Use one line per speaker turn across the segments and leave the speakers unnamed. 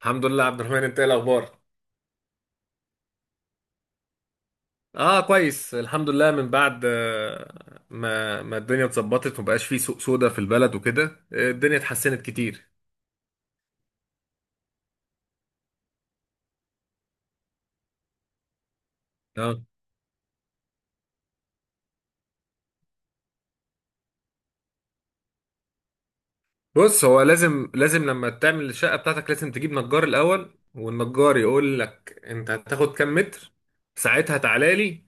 الحمد لله عبد الرحمن، انت ايه الاخبار؟ اه كويس الحمد لله. من بعد آه، ما ما الدنيا اتظبطت ومبقاش فيه سوق سودا في البلد وكده. الدنيا اتحسنت كتير. اه، بص هو لازم لما تعمل الشقه بتاعتك لازم تجيب نجار الاول، والنجار يقول لك انت هتاخد كام متر. ساعتها تعالى لي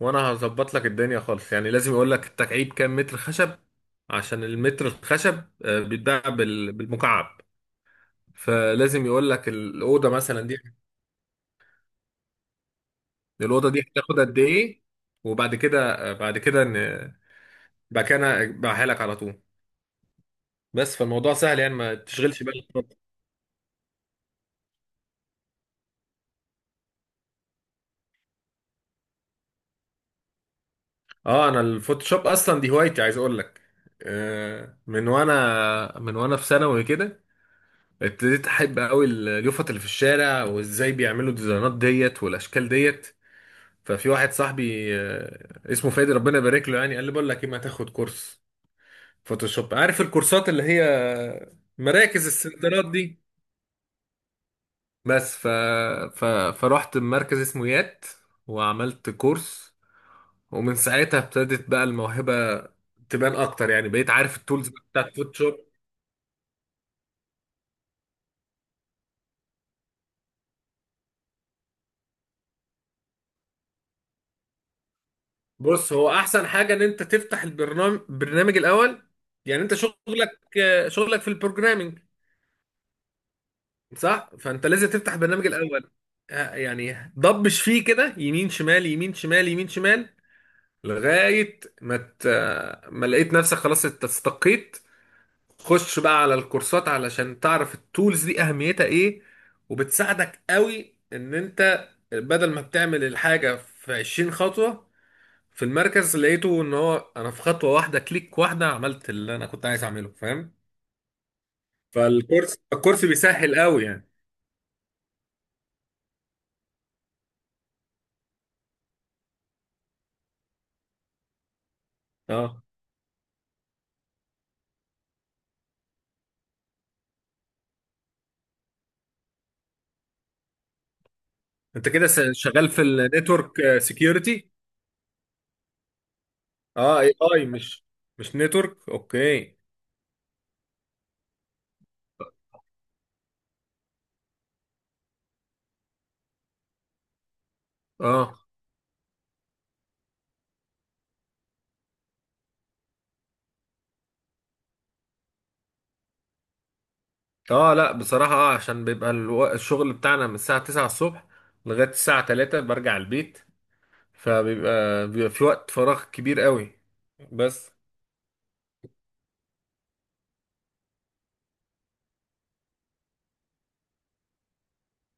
وانا هظبط لك الدنيا خالص. يعني لازم يقول لك التكعيب كام متر خشب، عشان المتر الخشب آه، بيتباع بال- بالمكعب. فلازم يقول لك الاوضه مثلا دي، الأوضة دي هتاخد قد إيه. وبعد كده بعد كده ن- بعد كده أنا أبيعها لك على طول. بس فالموضوع سهل، يعني ما تشغلش بالك. اه، انا الفوتوشوب اصلا دي هوايتي، عايز اقول لك. من وانا في ثانوي كده ابتديت احب قوي اليوفط اللي في الشارع، وازاي بيعملوا الديزاينات ديت والاشكال ديت. ففي واحد صاحبي اسمه فادي، ربنا يبارك له، يعني قال لي بقول لك ايه، ما تاخد كورس فوتوشوب؟ عارف الكورسات اللي هي مراكز السنترات دي. بس ف... ف... فرحت مركز اسمويات وعملت كورس، ومن ساعتها ابتدت بقى الموهبة تبان اكتر. يعني بقيت عارف التولز بقى بتاعت فوتوشوب. بص، هو احسن حاجة ان انت تفتح البرنامج، برنامج الاول. يعني انت شغلك في البروجرامينج صح، فانت لازم تفتح البرنامج الاول. يعني ضبش فيه كده يمين شمال يمين شمال يمين شمال لغاية ما لقيت نفسك خلاص استقيت. خش بقى على الكورسات علشان تعرف التولز دي اهميتها ايه، وبتساعدك قوي ان انت بدل ما بتعمل الحاجة في 20 خطوة، في المركز لقيته ان هو انا في خطوة واحدة، كليك واحدة عملت اللي انا كنت عايز اعمله، فاهم؟ فالكورس بيسهل قوي يعني. اه، انت كده شغال في النتورك سكيورتي؟ اه، اي، اي مش مش نتورك، اوكي. اه، اه لا بصراحة، اه عشان بيبقى الشغل بتاعنا من الساعة 9 الصبح لغاية الساعة 3 برجع البيت. فبيبقى في وقت فراغ كبير قوي بس.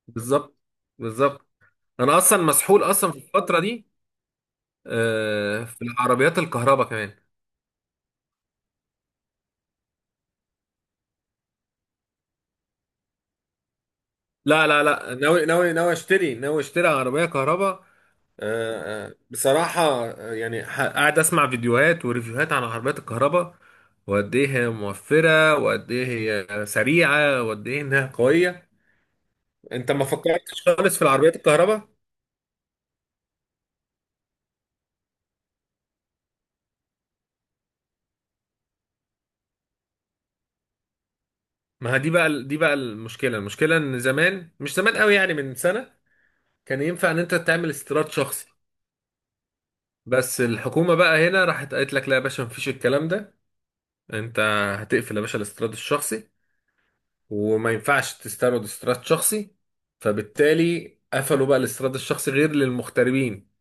بالظبط. بالظبط. انا اصلا مسحول اصلا في الفترة دي في العربيات الكهرباء كمان. لا لا لا، ناوي ناوي اشتري عربية كهرباء. بصراحة قاعد أسمع فيديوهات وريفيوهات عن عربيات الكهرباء، وقد إيه هي موفرة، وقد إيه هي سريعة، وقد إيه إنها قوية. أنت ما فكرتش خالص في العربيات الكهرباء؟ ما ها دي بقى المشكلة إن زمان، مش زمان قوي يعني، من سنة كان ينفع إن أنت تعمل استيراد شخصي، بس الحكومة بقى هنا راحت قالت لك لا يا باشا، مفيش الكلام ده. أنت هتقفل يا باشا الاستيراد الشخصي، وما ينفعش تستورد استيراد شخصي. فبالتالي قفلوا بقى الاستيراد الشخصي غير للمغتربين.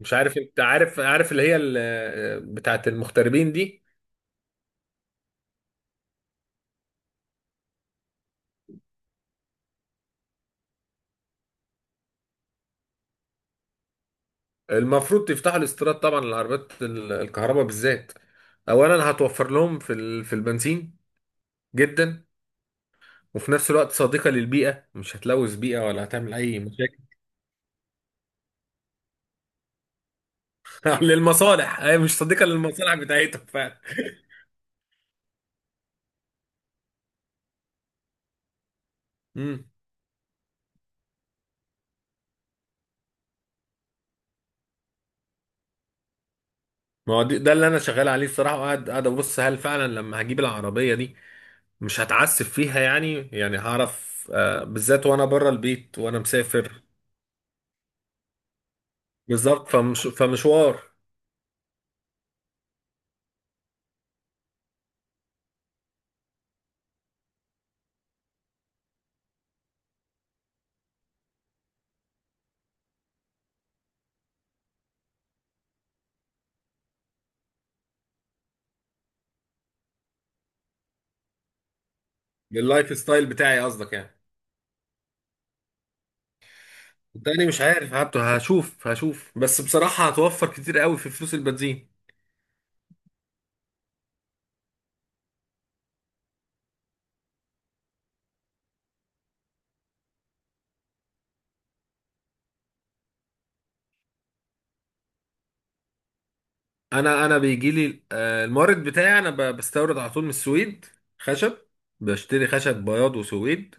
مش عارف انت عارف اللي هي بتاعه المغتربين دي. المفروض تفتحوا الاستيراد طبعا للعربيات الكهرباء بالذات. اولا هتوفر لهم في في البنزين جدا، وفي نفس الوقت صديقة للبيئة، مش هتلوث بيئة ولا هتعمل أي مشاكل. للمصالح، هي مش صديقة للمصالح بتاعتهم فعلا. امم ما هو ده اللي انا شغال عليه الصراحه، وقاعد ابص هل فعلا لما هجيب العربيه دي مش هتعسف فيها يعني. يعني هعرف، بالذات وانا بره البيت وانا مسافر. بالظبط فمشوار. لللايف ستايل بتاعي قصدك يعني؟ التاني مش عارف حتى، هشوف بس بصراحة هتوفر كتير قوي في فلوس البنزين. انا بيجي لي المورد بتاعي، انا بستورد على طول من السويد خشب. بشتري خشب بياض وسويد،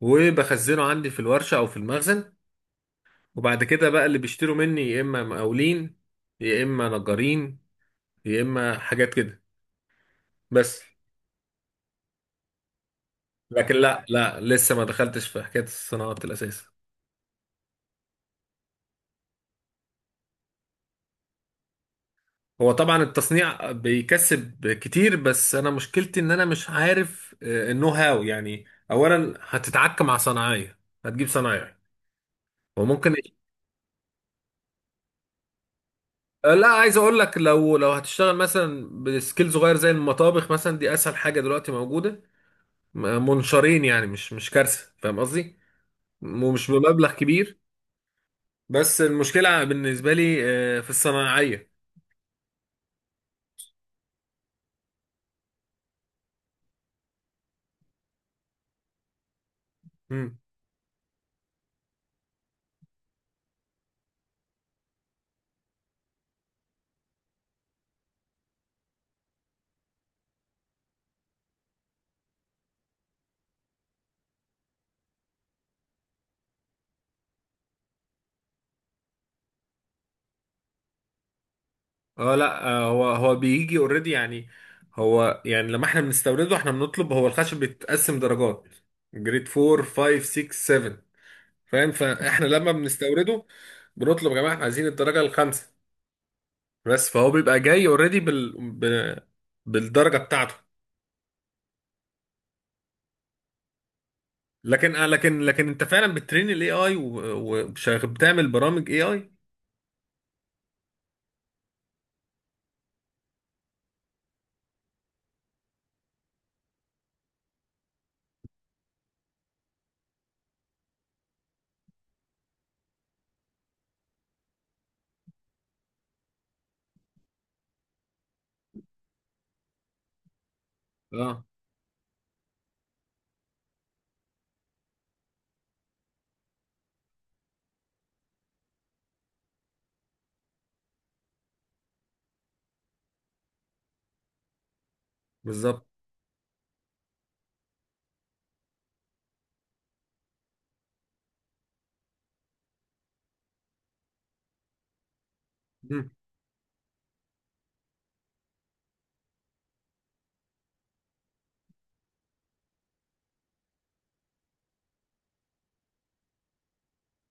وبخزنه عندي في الورشة او في المخزن، وبعد كده بقى اللي بيشتروا مني يا اما مقاولين، يا اما نجارين، يا اما حاجات كده. بس لكن لا لا، لسه ما دخلتش في حكاية الصناعات الأساسية. هو طبعا التصنيع بيكسب كتير، بس أنا مشكلتي إن أنا مش عارف النو هاو يعني. أولا هتتعك مع صناعية، هتجيب صنايعي، وممكن لا، عايز أقول لك، لو هتشتغل مثلا بسكيل صغير زي المطابخ مثلا، دي أسهل حاجة دلوقتي موجودة، منشارين يعني، مش مش كارثة فاهم قصدي، ومش بمبلغ كبير. بس المشكلة بالنسبة لي في الصناعية. اه لا، هو بيجي اوريدي يعني. هو يعني لما احنا بنستورده، احنا بنطلب، هو الخشب بيتقسم درجات، جريد 4 5 6 7، فاهم؟ فاحنا لما بنستورده بنطلب يا جماعه احنا عايزين الدرجه الخامسه بس. فهو بيبقى جاي اوريدي بالدرجه بتاعته. لكن لكن انت فعلا بتترين الاي اي وبتعمل برامج اي اي؟ اه بالظبط. مم.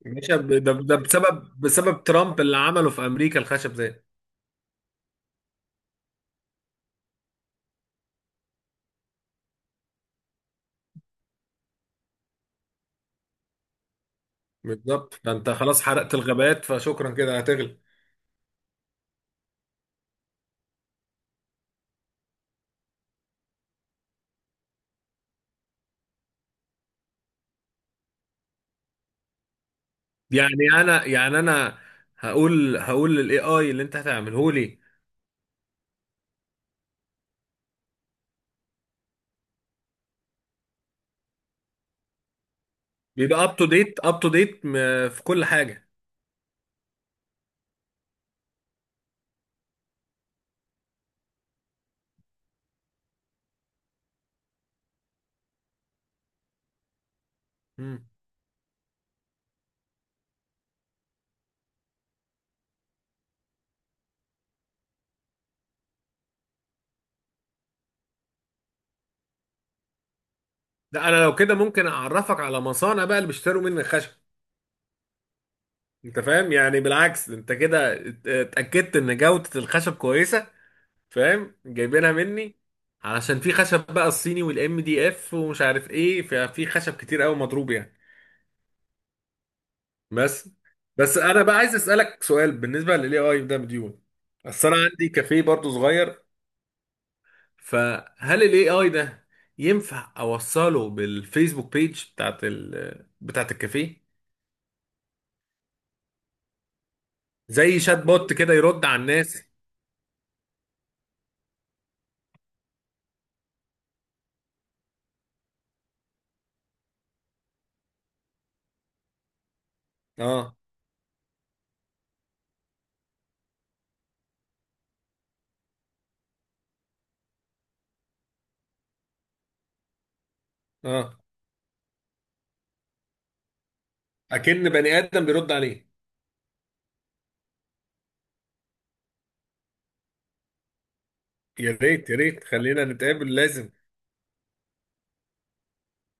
يا باشا، ده بسبب ترامب اللي عمله في امريكا الخشب ده. بالظبط، فانت خلاص حرقت الغابات فشكرا كده هتغلب. يعني انا، يعني انا هقول للاي اي اللي انت هتعمله لي بيبقى اب تو ديت في كل حاجه. مم. ده انا لو كده ممكن اعرفك على مصانع بقى اللي بيشتروا مني الخشب، انت فاهم يعني. بالعكس، انت كده اتاكدت ان جوده الخشب كويسه، فاهم، جايبينها مني. علشان في خشب بقى الصيني والام دي اف ومش عارف ايه، ففي خشب كتير قوي مضروب يعني. بس انا بقى عايز اسالك سؤال بالنسبه للاي اي ده مديون. اصل انا عندي كافيه برضو صغير، فهل الاي اي ده ينفع اوصله بالفيسبوك بيج بتاعت بتاعت الكافيه؟ زي شات بوت كده يرد على الناس. اه اه، اكن بني ادم بيرد عليه. يا ريت خلينا نتقابل لازم.